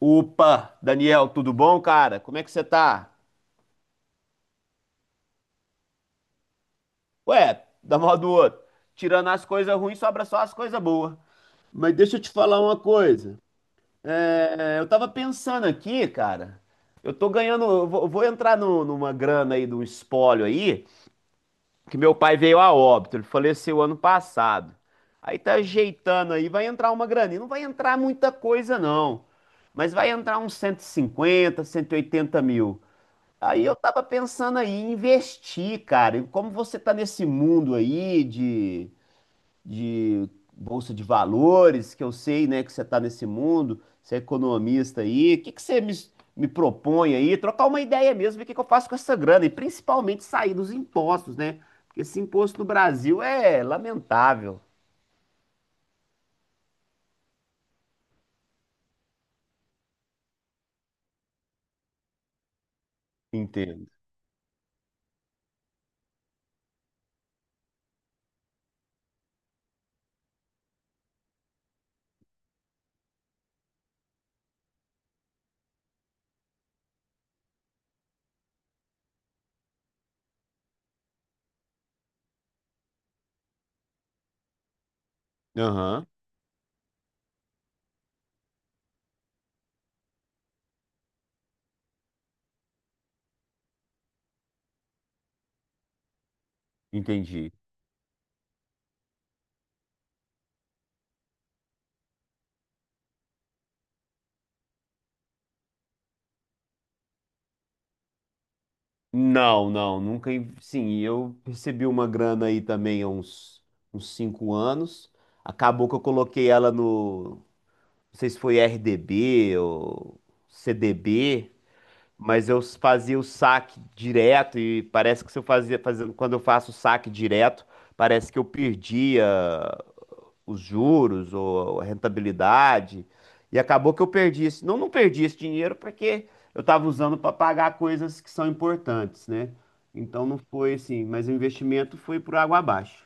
Opa, Daniel, tudo bom, cara? Como é que você tá? Ué, da mão do outro. Tirando as coisas ruins, sobra só as coisas boas. Mas deixa eu te falar uma coisa. É, eu tava pensando aqui, cara. Eu tô ganhando. Eu vou entrar numa grana aí, num espólio aí, que meu pai veio a óbito. Ele faleceu ano passado. Aí tá ajeitando aí, vai entrar uma graninha. Não vai entrar muita coisa, não. Mas vai entrar uns 150, 180 mil. Aí eu tava pensando aí em investir, cara. E como você tá nesse mundo aí de bolsa de valores, que eu sei, né, que você tá nesse mundo, você é economista aí, o que que você me propõe aí? Trocar uma ideia mesmo, ver o que que eu faço com essa grana e principalmente sair dos impostos, né? Porque esse imposto no Brasil é lamentável. Entendo. Aham, entendi. Não, não, nunca. Sim, e eu recebi uma grana aí também há uns 5 anos. Acabou que eu coloquei ela no. Não sei se foi RDB ou CDB. Mas eu fazia o saque direto e parece que se eu fazia, fazendo, quando eu faço o saque direto, parece que eu perdia os juros ou a rentabilidade. E acabou que eu perdi esse, não, não perdi esse dinheiro porque eu estava usando para pagar coisas que são importantes, né? Então não foi assim, mas o investimento foi por água abaixo.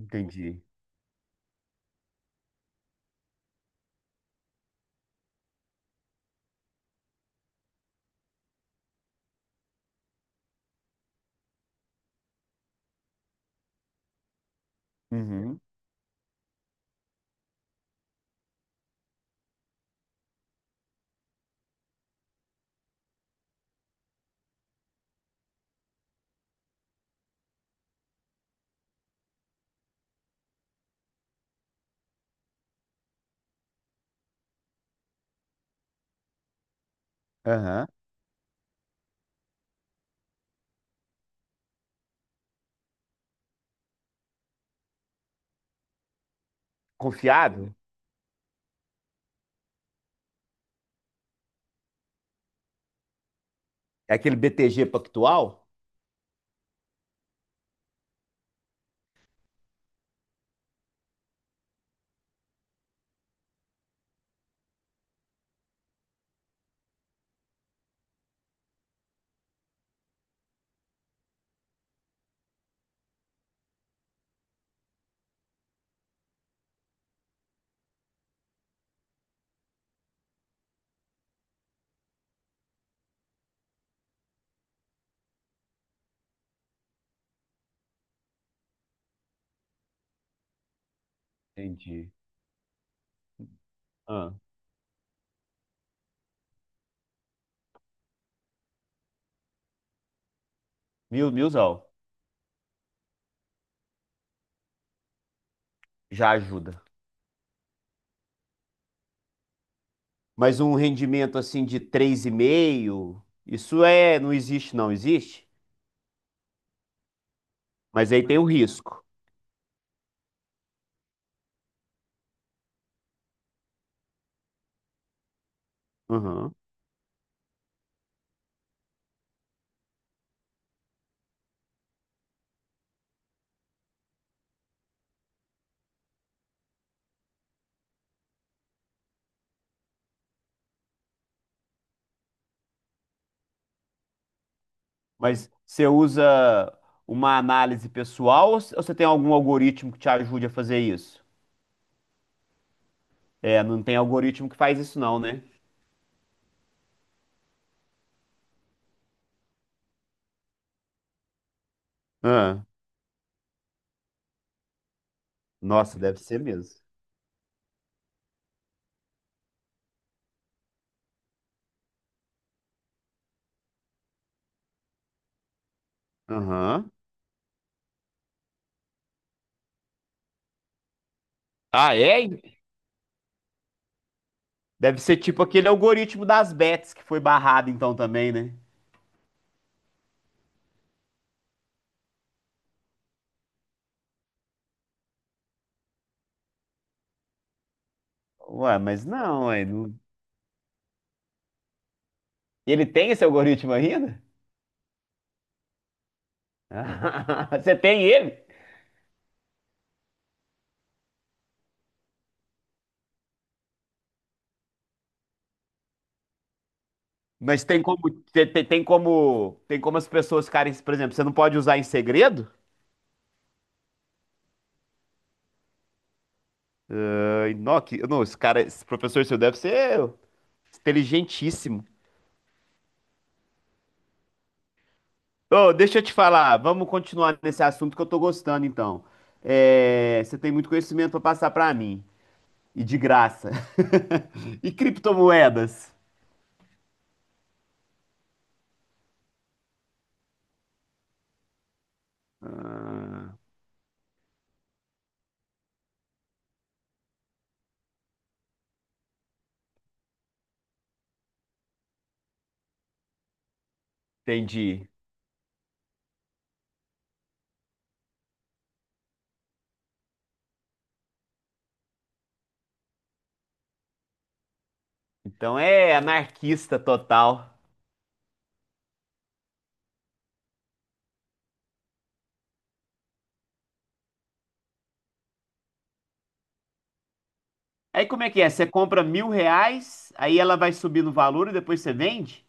Entendi. Uhum. Aham. Confiável? É aquele BTG Pactual? Entendi. Ah, mil, milzão. Já ajuda. Mas um rendimento assim de 3,5, isso é, não existe, não existe. Mas aí tem o risco. Uhum. Mas você usa uma análise pessoal ou você tem algum algoritmo que te ajude a fazer isso? É, não tem algoritmo que faz isso não, né? Ah, nossa, deve ser mesmo. Aham. Ah, é? Deve ser tipo aquele algoritmo das bets que foi barrado então também, né? Ué, mas não, ué, ele tem esse algoritmo ainda? Você tem ele? Mas tem como, tem como, tem como as pessoas ficarem, por exemplo, você não pode usar em segredo? Ai, não, não, esse cara, esse professor seu deve ser inteligentíssimo. Ô, deixa eu te falar, vamos continuar nesse assunto que eu tô gostando, então. É, você tem muito conhecimento pra passar pra mim, e de graça. E criptomoedas? Entendi. Então é anarquista total. Aí como é que é? Você compra 1.000 reais, aí ela vai subir no valor e depois você vende?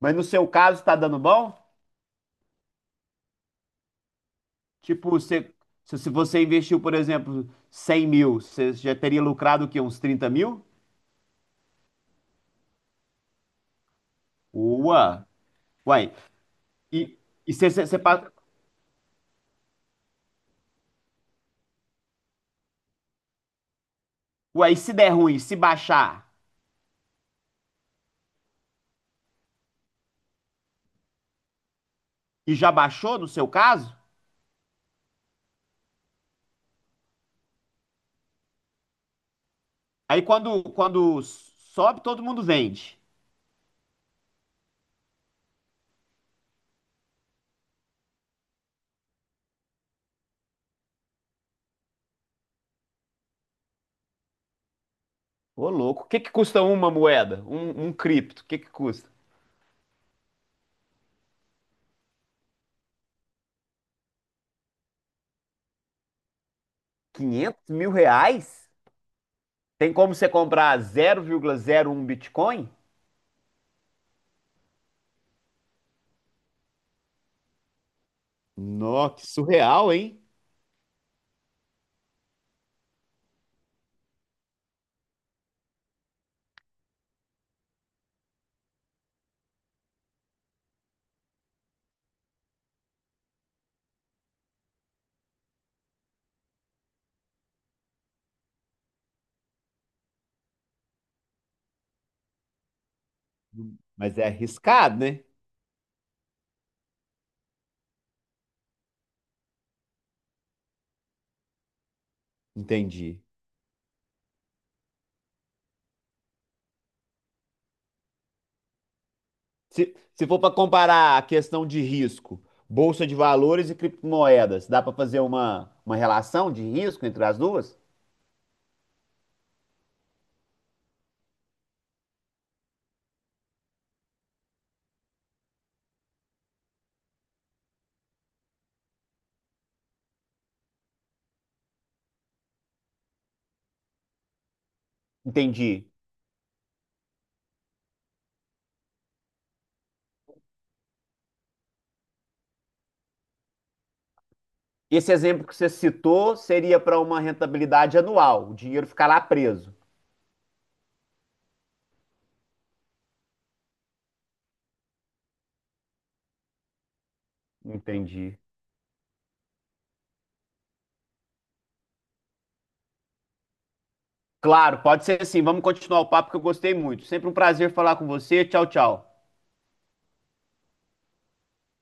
Mas no seu caso tá dando bom? Tipo, se você investiu, por exemplo, 100 mil, você já teria lucrado o quê? Uns 30 mil? Ua! Uai, e, e se, se, se, pa- uai, e se der ruim, se baixar, e já baixou no seu caso, aí quando, quando sobe, todo mundo vende. Ô, louco, o que que custa uma moeda? Um cripto, o que que custa? 500 mil reais? Tem como você comprar 0,01 Bitcoin? Nossa, que surreal, hein? Mas é arriscado, né? Entendi. Se for para comparar a questão de risco, bolsa de valores e criptomoedas, dá para fazer uma relação de risco entre as duas? Entendi. Esse exemplo que você citou seria para uma rentabilidade anual, o dinheiro ficar lá preso. Entendi. Claro, pode ser assim. Vamos continuar o papo que eu gostei muito. Sempre um prazer falar com você. Tchau, tchau.